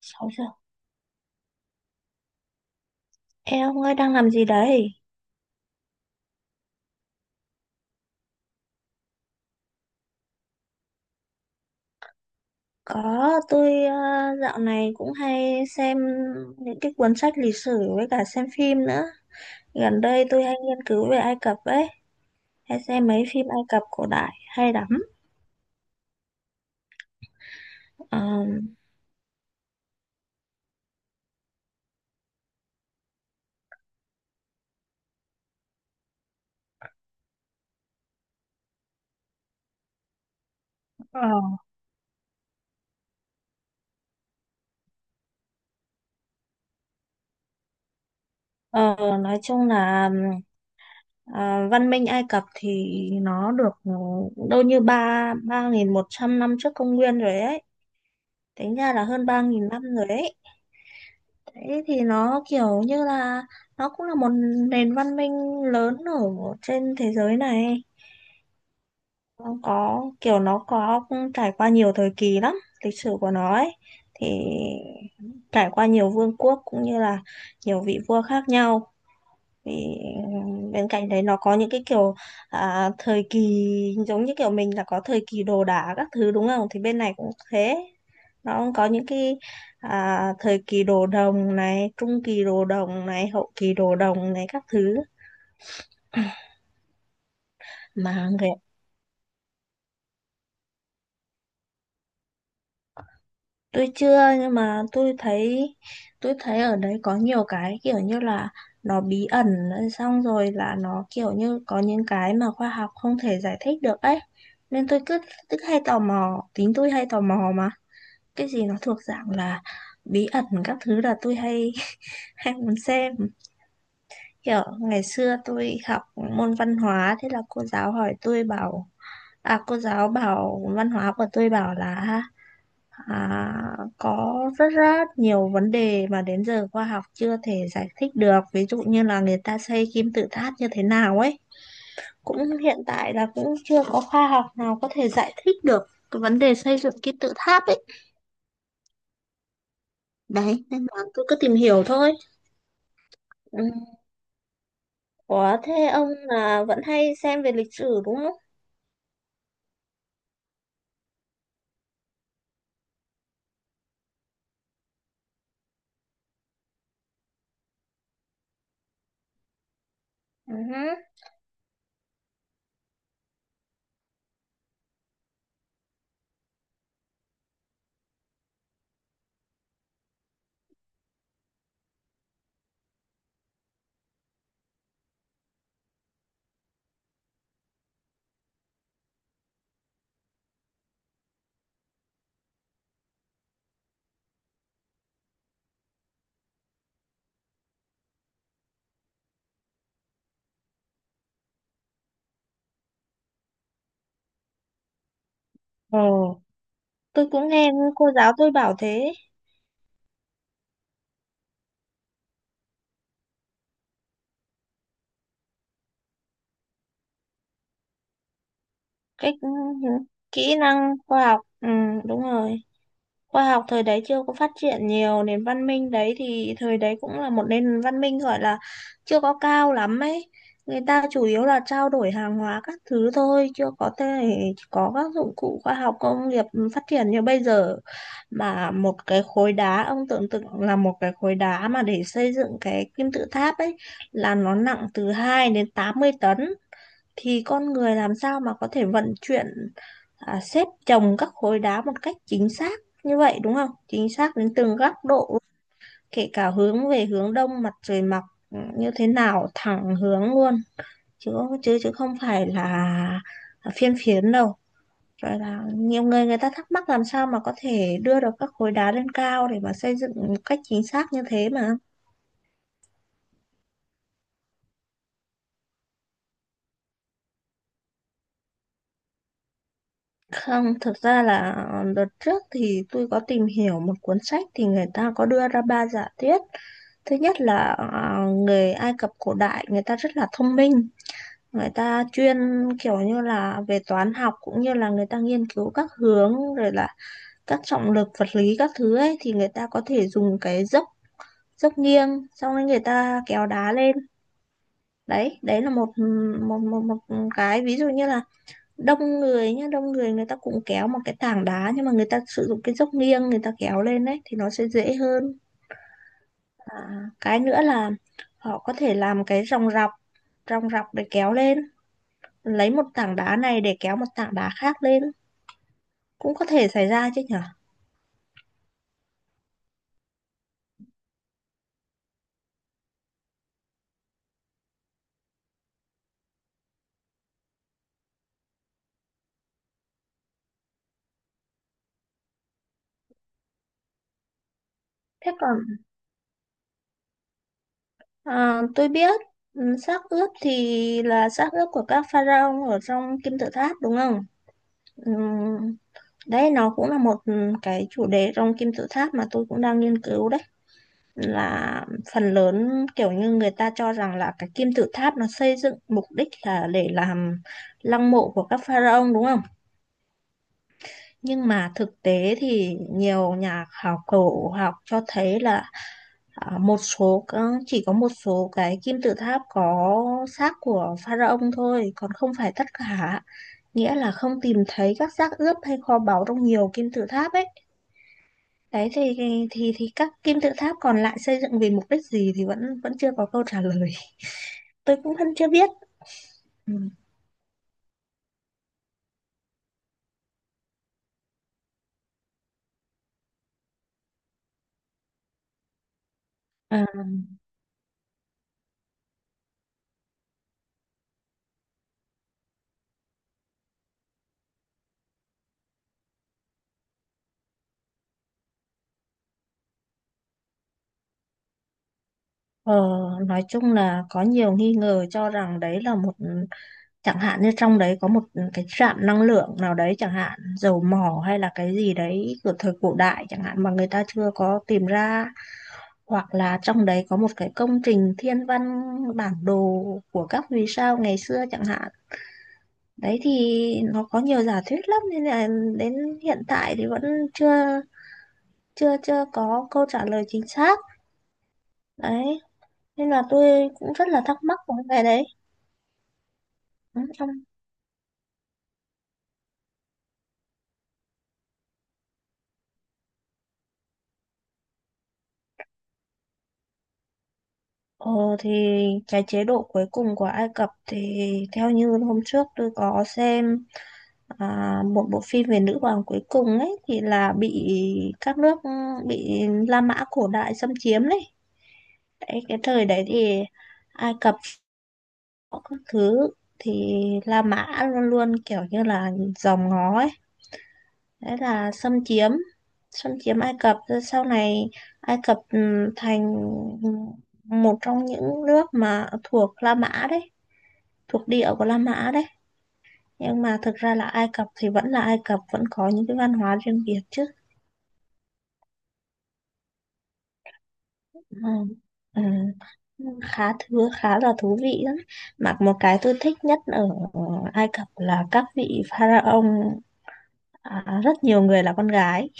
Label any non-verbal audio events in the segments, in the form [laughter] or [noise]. Sáu giờ. Ê ông ơi đang làm gì đấy? Có, tôi dạo này cũng hay xem những cái cuốn sách lịch sử với cả xem phim nữa. Gần đây tôi hay nghiên cứu về Ai Cập ấy, hay xem mấy phim Ai Cập cổ đại hay lắm. Ờ, Ờ, ờ, nói chung là ờ, văn minh Ai Cập thì nó được đâu như ba ba nghìn một trăm năm trước công nguyên rồi ấy. Tính ra là hơn 3.000 năm rồi ấy. Đấy thì nó kiểu như là nó cũng là một nền văn minh lớn ở trên thế giới này. Nó có trải qua nhiều thời kỳ lắm, lịch sử của nó ấy thì trải qua nhiều vương quốc cũng như là nhiều vị vua khác nhau. Thì ờ, bên cạnh đấy nó có những cái kiểu thời kỳ giống như kiểu mình là có thời kỳ đồ đá các thứ đúng không? Thì bên này cũng thế. Nó cũng có những cái thời kỳ đồ đồng này, trung kỳ đồ đồng này, hậu kỳ đồ đồng này các thứ. Mà người tôi chưa nhưng mà tôi thấy ở đấy có nhiều cái kiểu như là nó bí ẩn xong rồi là nó kiểu như có những cái mà khoa học không thể giải thích được ấy nên tôi cứ cứ hay tò mò, tính tôi hay tò mò mà, cái gì nó thuộc dạng là bí ẩn các thứ là tôi hay [laughs] hay muốn xem. Kiểu ngày xưa tôi học môn văn hóa, thế là cô giáo hỏi, tôi bảo cô giáo bảo văn hóa của tôi bảo là, có rất rất nhiều vấn đề mà đến giờ khoa học chưa thể giải thích được, ví dụ như là người ta xây kim tự tháp như thế nào ấy, cũng hiện tại là cũng chưa có khoa học nào có thể giải thích được cái vấn đề xây dựng kim tự tháp ấy, đấy nên là tôi cứ tìm hiểu thôi, ừ. Ủa thế ông là vẫn hay xem về lịch sử đúng không? Ừ. Ồ, tôi cũng nghe cô giáo tôi bảo thế. Cách kỹ năng khoa học, đúng rồi, khoa học thời đấy chưa có phát triển nhiều, nền văn minh đấy thì thời đấy cũng là một nền văn minh gọi là chưa có cao lắm ấy. Người ta chủ yếu là trao đổi hàng hóa các thứ thôi, chưa có thể có các dụng cụ khoa học công nghiệp phát triển như bây giờ. Mà một cái khối đá, ông tưởng tượng là một cái khối đá mà để xây dựng cái kim tự tháp ấy là nó nặng từ 2 đến 80 tấn thì con người làm sao mà có thể vận chuyển, xếp chồng các khối đá một cách chính xác như vậy đúng không? Chính xác đến từng góc độ, kể cả hướng về hướng đông mặt trời mọc, như thế nào thẳng hướng luôn, chứ chứ chứ không phải là phiên phiến đâu. Rồi là nhiều người, người ta thắc mắc làm sao mà có thể đưa được các khối đá lên cao để mà xây dựng một cách chính xác như thế mà. Không, thực ra là đợt trước thì tôi có tìm hiểu một cuốn sách thì người ta có đưa ra ba giả thuyết. Thứ nhất là à, người Ai Cập cổ đại người ta rất là thông minh, người ta chuyên kiểu như là về toán học cũng như là người ta nghiên cứu các hướng, rồi là các trọng lực vật lý các thứ ấy, thì người ta có thể dùng cái dốc dốc nghiêng, xong rồi người ta kéo đá lên. Đấy đấy là một một một một cái ví dụ, như là đông người nhá, đông người, người ta cũng kéo một cái tảng đá nhưng mà người ta sử dụng cái dốc nghiêng người ta kéo lên đấy thì nó sẽ dễ hơn. à, cái nữa là họ có thể làm cái ròng rọc để kéo lên, lấy một tảng đá này để kéo một tảng đá khác lên, cũng có thể xảy ra chứ nhở. Thế còn tôi biết, ừ, xác ướp thì là xác ướp của các pharaoh ở trong kim tự tháp đúng không? Ừ, đấy nó cũng là một ừ, cái chủ đề trong kim tự tháp mà tôi cũng đang nghiên cứu đấy, là phần lớn kiểu như người ta cho rằng là cái kim tự tháp nó xây dựng mục đích là để làm lăng mộ của các pharaoh đúng không? Nhưng mà thực tế thì nhiều nhà khảo cổ học cho thấy là, Ờ, một số chỉ có một số cái kim tự tháp có xác của pharaoh thôi, còn không phải tất cả. Nghĩa là không tìm thấy các xác ướp hay kho báu trong nhiều kim tự tháp ấy. Đấy thì thì các kim tự tháp còn lại xây dựng vì mục đích gì thì vẫn vẫn chưa có câu trả lời. [laughs] Tôi cũng vẫn chưa biết. Ừ. À, Ờ, nói chung là có nhiều nghi ngờ cho rằng đấy là một, chẳng hạn như trong đấy có một cái trạm năng lượng nào đấy chẳng hạn, dầu mỏ hay là cái gì đấy của thời cổ đại chẳng hạn mà người ta chưa có tìm ra, hoặc là trong đấy có một cái công trình thiên văn, bản đồ của các vì sao ngày xưa chẳng hạn. Đấy thì nó có nhiều giả thuyết lắm nên là đến hiện tại thì vẫn chưa chưa chưa có câu trả lời chính xác. Đấy nên là tôi cũng rất là thắc mắc về cái đấy. Ừ, Trong, ờ, thì cái chế độ cuối cùng của Ai Cập thì theo như hôm trước tôi có xem một bộ phim về nữ hoàng cuối cùng ấy, thì là bị các nước, bị La Mã cổ đại xâm chiếm đấy. Đấy, cái thời đấy thì Ai Cập có các thứ thì La Mã luôn luôn kiểu như là dòm ngó ấy, đấy là xâm chiếm, xâm chiếm Ai Cập, rồi sau này Ai Cập thành một trong những nước mà thuộc La Mã đấy, thuộc địa của La Mã đấy. Nhưng mà thực ra là Ai Cập thì vẫn là Ai Cập, vẫn có những cái văn hóa riêng biệt chứ, ừ. Ừ. Khá thứ khá là thú vị lắm, mà một cái tôi thích nhất ở Ai Cập là các vị pharaoh rất nhiều người là con gái.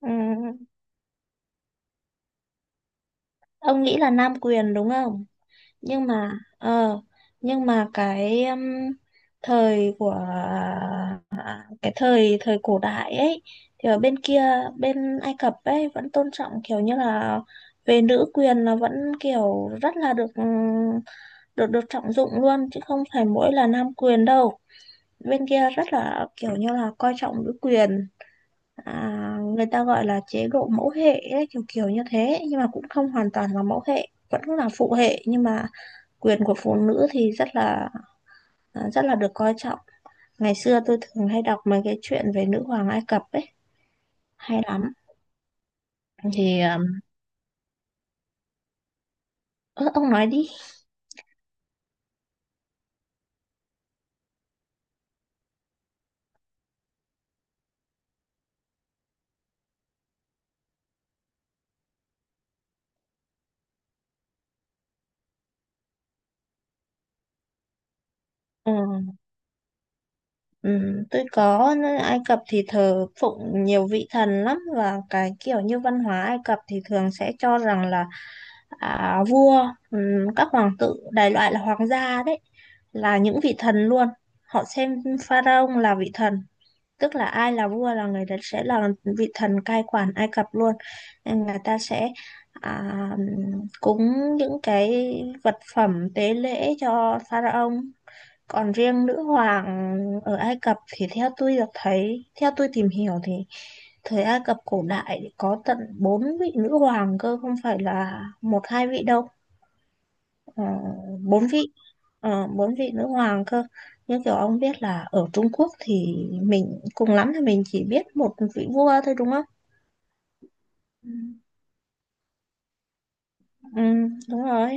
Ừ. Ông nghĩ là nam quyền đúng không? Nhưng mà ờ nhưng mà cái thời của cái thời thời cổ đại ấy thì ở bên kia, bên Ai Cập ấy vẫn tôn trọng kiểu như là về nữ quyền, là vẫn kiểu rất là được được được trọng dụng luôn chứ không phải mỗi là nam quyền đâu, bên kia rất là kiểu như là coi trọng nữ quyền. à, Người ta gọi là chế độ mẫu hệ ấy, kiểu kiểu như thế, nhưng mà cũng không hoàn toàn là mẫu hệ, vẫn là phụ hệ nhưng mà quyền của phụ nữ thì rất là được coi trọng. Ngày xưa tôi thường hay đọc mấy cái chuyện về nữ hoàng Ai Cập ấy, hay lắm. Thì ơ, ông nói đi. Ừ, ừ, tôi có. Ai Cập thì thờ phụng nhiều vị thần lắm, và cái kiểu như văn hóa Ai Cập thì thường sẽ cho rằng là vua ừ, các hoàng tử đại loại là hoàng gia đấy là những vị thần luôn, họ xem pharaoh là vị thần, tức là ai là vua là người đấy sẽ là vị thần cai quản Ai Cập luôn, nên người ta sẽ à, cúng những cái vật phẩm tế lễ cho pharaoh. Còn riêng nữ hoàng ở Ai Cập thì theo tôi được thấy, theo tôi tìm hiểu thì thời Ai Cập cổ đại thì có tận 4 vị nữ hoàng cơ, không phải là một hai vị đâu. Ờ, 4 vị. Ờ, 4 vị nữ hoàng cơ. Nhưng kiểu ông biết là ở Trung Quốc thì mình cùng lắm thì mình chỉ biết một vị vua thôi đúng không? Ừ. Ừ, đúng rồi.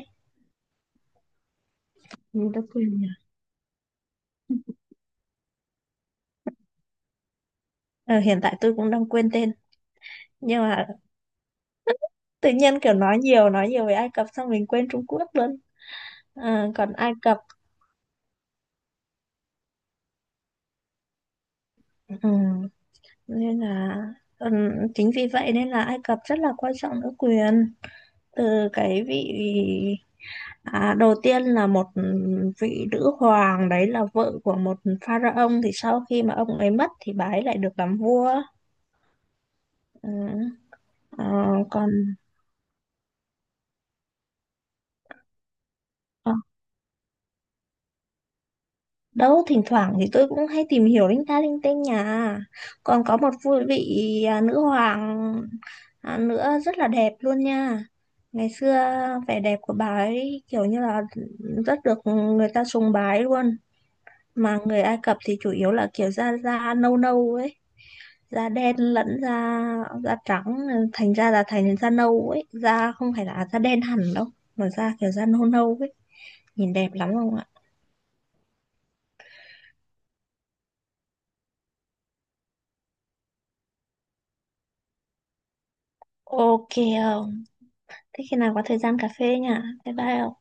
Người ta quyền nhỉ? Ờ, hiện tại tôi cũng đang quên tên nhưng mà tự nhiên kiểu nói nhiều về Ai Cập xong mình quên Trung Quốc luôn. Ờ, còn Ai Cập ừ, nên là ừ, chính vì vậy nên là Ai Cập rất là quan trọng nữ quyền, từ cái vị, À, đầu tiên là một vị nữ hoàng đấy là vợ của một pharaoh, thì sau khi mà ông ấy mất thì bà ấy lại được làm vua. Ừ. Ờ, còn ờ, đâu thỉnh thoảng thì tôi cũng hay tìm hiểu linh ta linh tinh nhà. Còn có một vui vị nữ hoàng nữa rất là đẹp luôn nha. Ngày xưa vẻ đẹp của bà ấy kiểu như là rất được người ta sùng bái luôn. Mà người Ai Cập thì chủ yếu là kiểu da da nâu nâu ấy, da đen lẫn da, da trắng ờ, thành ra là thành da nâu ấy, da không phải là da đen hẳn đâu mà da kiểu da nâu nâu ấy, nhìn đẹp lắm không ạ. Ok. Không. Thế khi nào có thời gian cà phê nhỉ. Bye bye. Không.